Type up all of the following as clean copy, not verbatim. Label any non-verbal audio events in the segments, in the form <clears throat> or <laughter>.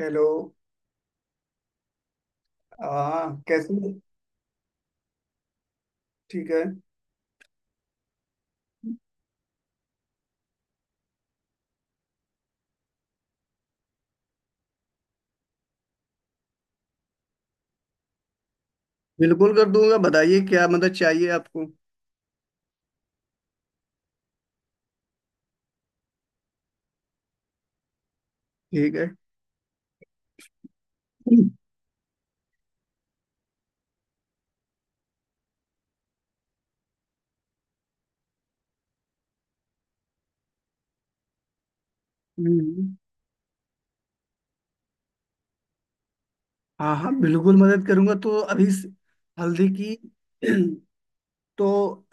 Hello. हाँ, कैसे हो? ठीक है। बिल्कुल कर दूंगा, बताइए क्या मदद चाहिए आपको। ठीक है। हम्म। हाँ हाँ बिल्कुल मदद करूंगा। तो अभी इस हल्दी की <clears throat> तो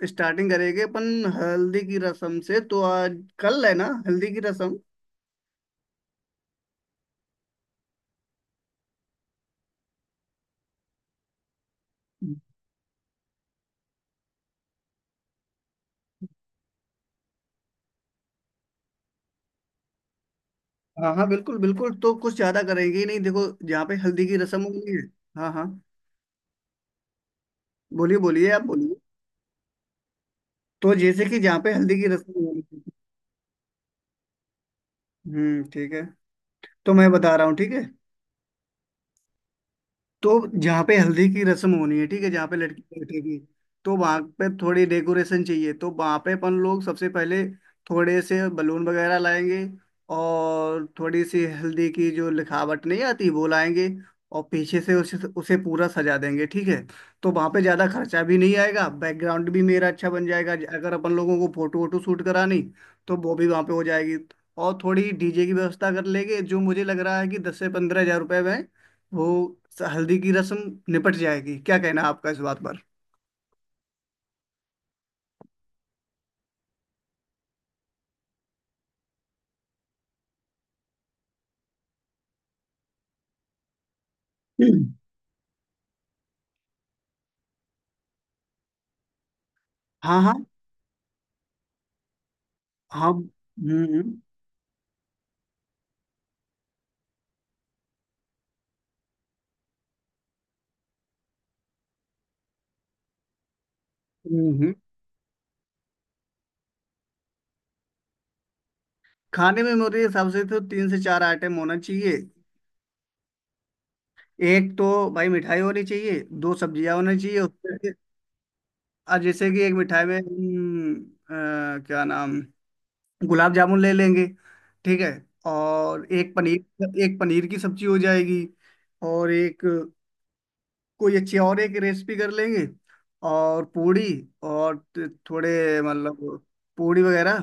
स्टार्टिंग करेंगे अपन हल्दी की रस्म से। तो आज कल है ना हल्दी की रस्म। हाँ हाँ बिल्कुल बिल्कुल, तो कुछ ज्यादा करेंगे ही नहीं। देखो जहाँ पे हल्दी की रस्म होगी। हाँ हाँ। बोलिए बोलिए, आप बोलिए। तो जैसे कि जहाँ पे हल्दी की रस्म होगी। ठीक है। तो मैं बता रहा हूँ, ठीक है। तो जहाँ पे हल्दी की रस्म होनी है, ठीक है, जहाँ पे लड़की बैठेगी, तो वहां पे थोड़ी डेकोरेशन चाहिए। तो वहां पे अपन लोग सबसे पहले थोड़े से बलून वगैरह लाएंगे, और थोड़ी सी हल्दी की जो लिखावट नहीं आती वो लाएंगे, और पीछे से उसे उसे पूरा सजा देंगे, ठीक है। तो वहां पे ज्यादा खर्चा भी नहीं आएगा, बैकग्राउंड भी मेरा अच्छा बन जाएगा। अगर अपन लोगों को फोटो वोटो शूट करानी, तो वो भी वहां पे हो जाएगी। और थोड़ी डीजे की व्यवस्था कर लेंगे, जो मुझे लग रहा है कि 10 से 15 हजार रुपये में वो हल्दी की रस्म निपट जाएगी। क्या कहना है आपका इस बात पर? <clears throat> हाँ हाँ हाँ। हम्म। हम्म। हम्म। खाने में मेरे हिसाब से तो 3 से 4 आइटम होना चाहिए। एक तो भाई मिठाई होनी चाहिए, दो सब्जियां होनी चाहिए उसमें। और जैसे कि एक मिठाई में क्या नाम, गुलाब जामुन ले लेंगे, ठीक है। और एक पनीर, एक पनीर की सब्जी हो जाएगी। और एक कोई अच्छी और एक रेसिपी कर लेंगे, और पूड़ी, और थोड़े मतलब पूड़ी वगैरह।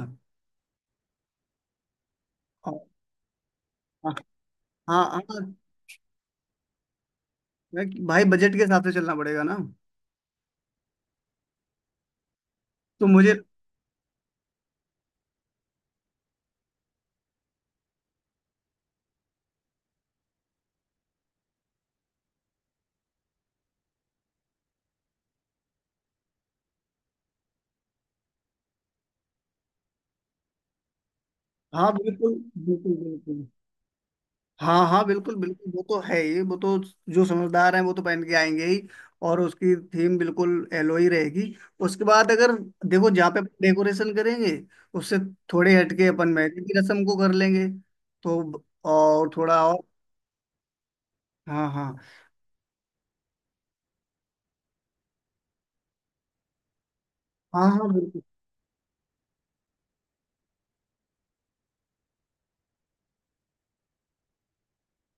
और- हाँ हाँ हाँ, भाई बजट के हिसाब से चलना पड़ेगा ना। तो मुझे, हाँ बिल्कुल बिल्कुल बिल्कुल। हाँ हाँ बिल्कुल बिल्कुल, वो तो है ही, वो तो जो समझदार हैं वो तो पहन के आएंगे ही। और उसकी थीम बिल्कुल एलो ही रहेगी। उसके बाद अगर देखो, जहाँ पे डेकोरेशन करेंगे उससे थोड़े हटके अपन मेहंदी की रस्म को कर लेंगे। तो और थोड़ा और, हाँ हाँ हाँ हाँ बिल्कुल।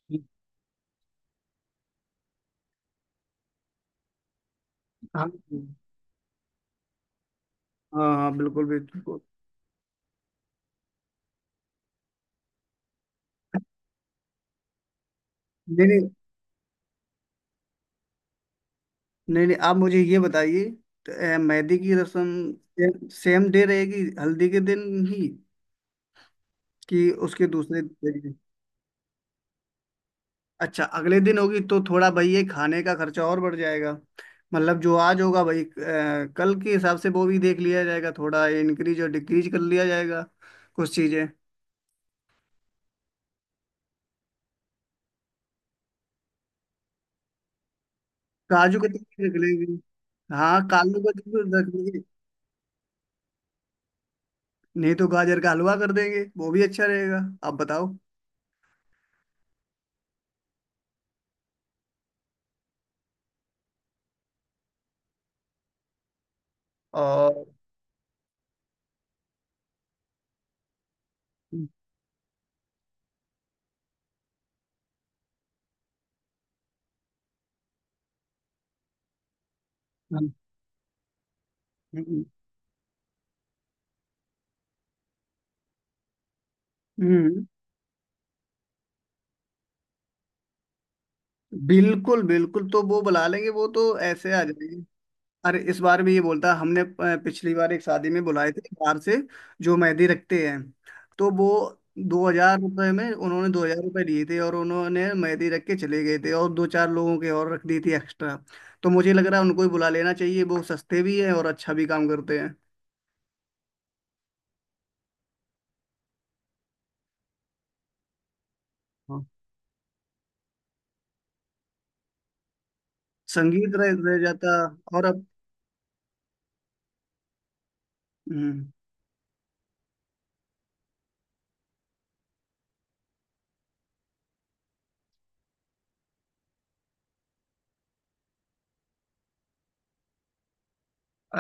ठीक, हाँ हाँ हाँ, बिल्कुल बिल्कुल। नहीं नहीं, नहीं नहीं, आप मुझे ये बताइए। तो, मेहंदी की रस्म सेम डे रहेगी हल्दी के दिन ही, कि उसके दूसरे दिन? अच्छा, अगले दिन होगी। तो थोड़ा भाई ये खाने का खर्चा और बढ़ जाएगा। मतलब जो आज होगा भाई, कल के हिसाब से वो भी देख लिया जाएगा, थोड़ा इंक्रीज और डिक्रीज कर लिया जाएगा कुछ चीजें। काजू कतली भी रख लेंगे। हाँ काजू कतली भी रख लेंगे। नहीं तो गाजर का हलवा कर देंगे, वो भी अच्छा रहेगा। आप बताओ। और हम्म हम्म, बिल्कुल बिल्कुल, तो वो बुला लेंगे, वो तो ऐसे आ जाएंगे। अरे इस बार भी ये बोलता, हमने पिछली बार एक शादी में बुलाए थे बाहर से, जो मेहंदी रखते हैं। तो वो 2 हजार रुपये में, उन्होंने 2 हजार रुपये दिए थे और उन्होंने मेहंदी रख के चले गए थे, और दो चार लोगों के और रख दी थी एक्स्ट्रा। तो मुझे लग रहा है उनको ही बुला लेना चाहिए, वो सस्ते भी हैं और अच्छा भी काम करते हैं। हाँ। संगीत रह जाता। और हम्म,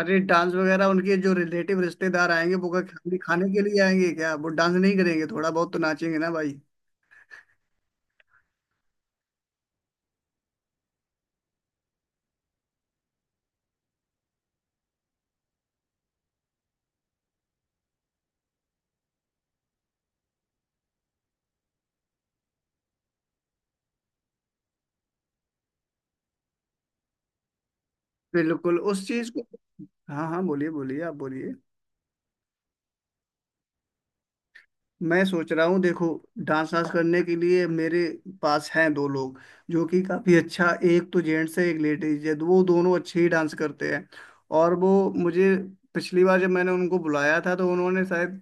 अरे डांस वगैरह उनके जो रिलेटिव रिश्तेदार आएंगे, वो क्या खाली खाने के लिए आएंगे क्या? वो डांस नहीं करेंगे? थोड़ा बहुत तो नाचेंगे ना भाई। बिल्कुल उस चीज को। हाँ हाँ, बोलिए बोलिए, आप बोलिए। मैं सोच रहा हूँ, देखो, डांस वांस करने के लिए मेरे पास हैं दो लोग, जो कि काफी अच्छा, एक तो जेंट्स है एक लेडीज है, वो दोनों अच्छे ही डांस करते हैं। और वो मुझे, पिछली बार जब मैंने उनको बुलाया था तो उन्होंने शायद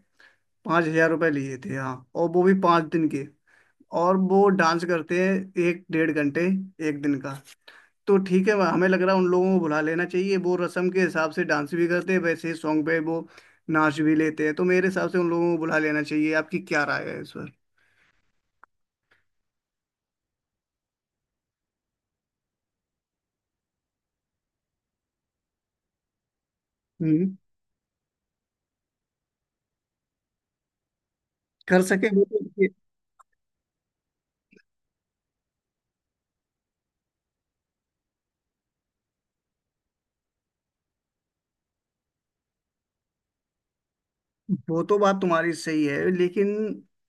5 हजार रुपये लिए थे, हाँ, और वो भी 5 दिन के। और वो डांस करते हैं एक डेढ़ घंटे एक दिन का। तो ठीक है, हमें लग रहा है उन लोगों को बुला लेना चाहिए। वो रस्म के हिसाब से डांस भी करते हैं, वैसे ही सॉन्ग पे वो नाच भी लेते हैं। तो मेरे हिसाब से उन लोगों को बुला लेना चाहिए, आपकी क्या राय है इस पर? हम्म, कर सके वो तो। वो तो बात तुम्हारी सही है, लेकिन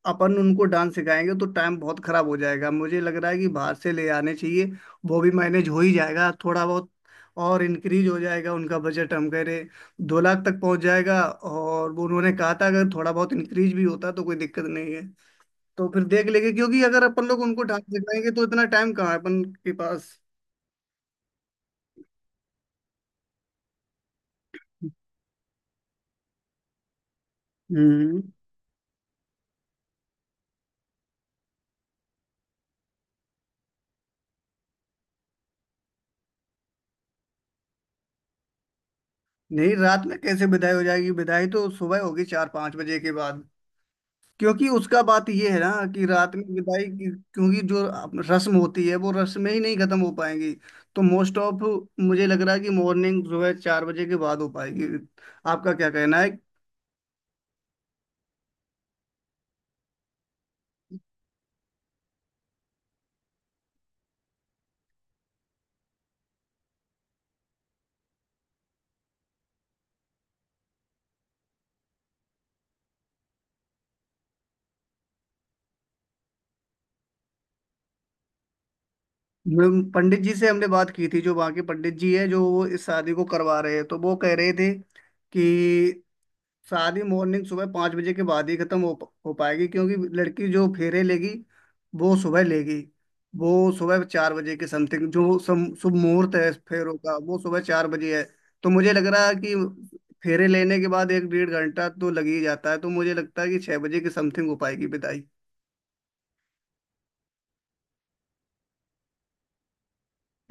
अपन उनको डांस सिखाएंगे तो टाइम बहुत खराब हो जाएगा। मुझे लग रहा है कि बाहर से ले आने चाहिए, वो भी मैनेज हो ही जाएगा, थोड़ा बहुत और इंक्रीज हो जाएगा उनका बजट। हम कह रहे 2 लाख तक पहुंच जाएगा, और वो उन्होंने कहा था अगर थोड़ा बहुत इंक्रीज भी होता तो कोई दिक्कत नहीं है। तो फिर देख लेंगे, क्योंकि अगर अपन लोग उनको डांस सिखाएंगे तो इतना टाइम कहाँ है अपन के पास। हम्म। नहीं, रात में कैसे विदाई हो जाएगी? विदाई तो सुबह होगी, 4-5 बजे के बाद, क्योंकि उसका बात ये है ना कि रात में विदाई की- क्योंकि जो रस्म होती है वो रस्म में ही नहीं खत्म हो पाएंगी। तो मोस्ट ऑफ, मुझे लग रहा है कि मॉर्निंग जो है 4 बजे के बाद हो पाएगी। आपका क्या कहना है? मैं- पंडित जी से हमने बात की थी, जो वहाँ के पंडित जी है जो वो इस शादी को करवा रहे हैं, तो वो कह रहे थे कि शादी मॉर्निंग सुबह 5 बजे के बाद ही खत्म हो हो पाएगी। क्योंकि लड़की जो फेरे लेगी वो सुबह लेगी। वो सुबह 4 बजे के समथिंग, जो शुभ मुहूर्त है फेरों का वो सुबह 4 बजे है। तो मुझे लग रहा है कि फेरे लेने के बाद एक डेढ़ घंटा तो लग ही जाता है, तो मुझे लगता है कि 6 बजे के समथिंग हो पाएगी विदाई।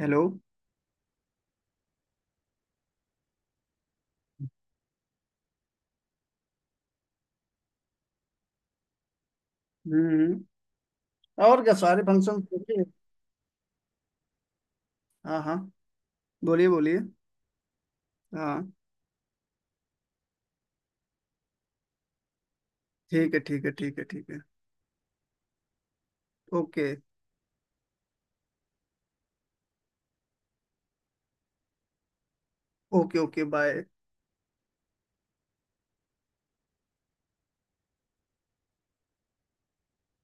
हेलो। हम्म, और क्या सारे फंक्शन? हाँ हाँ, बोलिए बोलिए। हाँ ठीक है ठीक है ठीक है ठीक है। Okay okay okay, bye.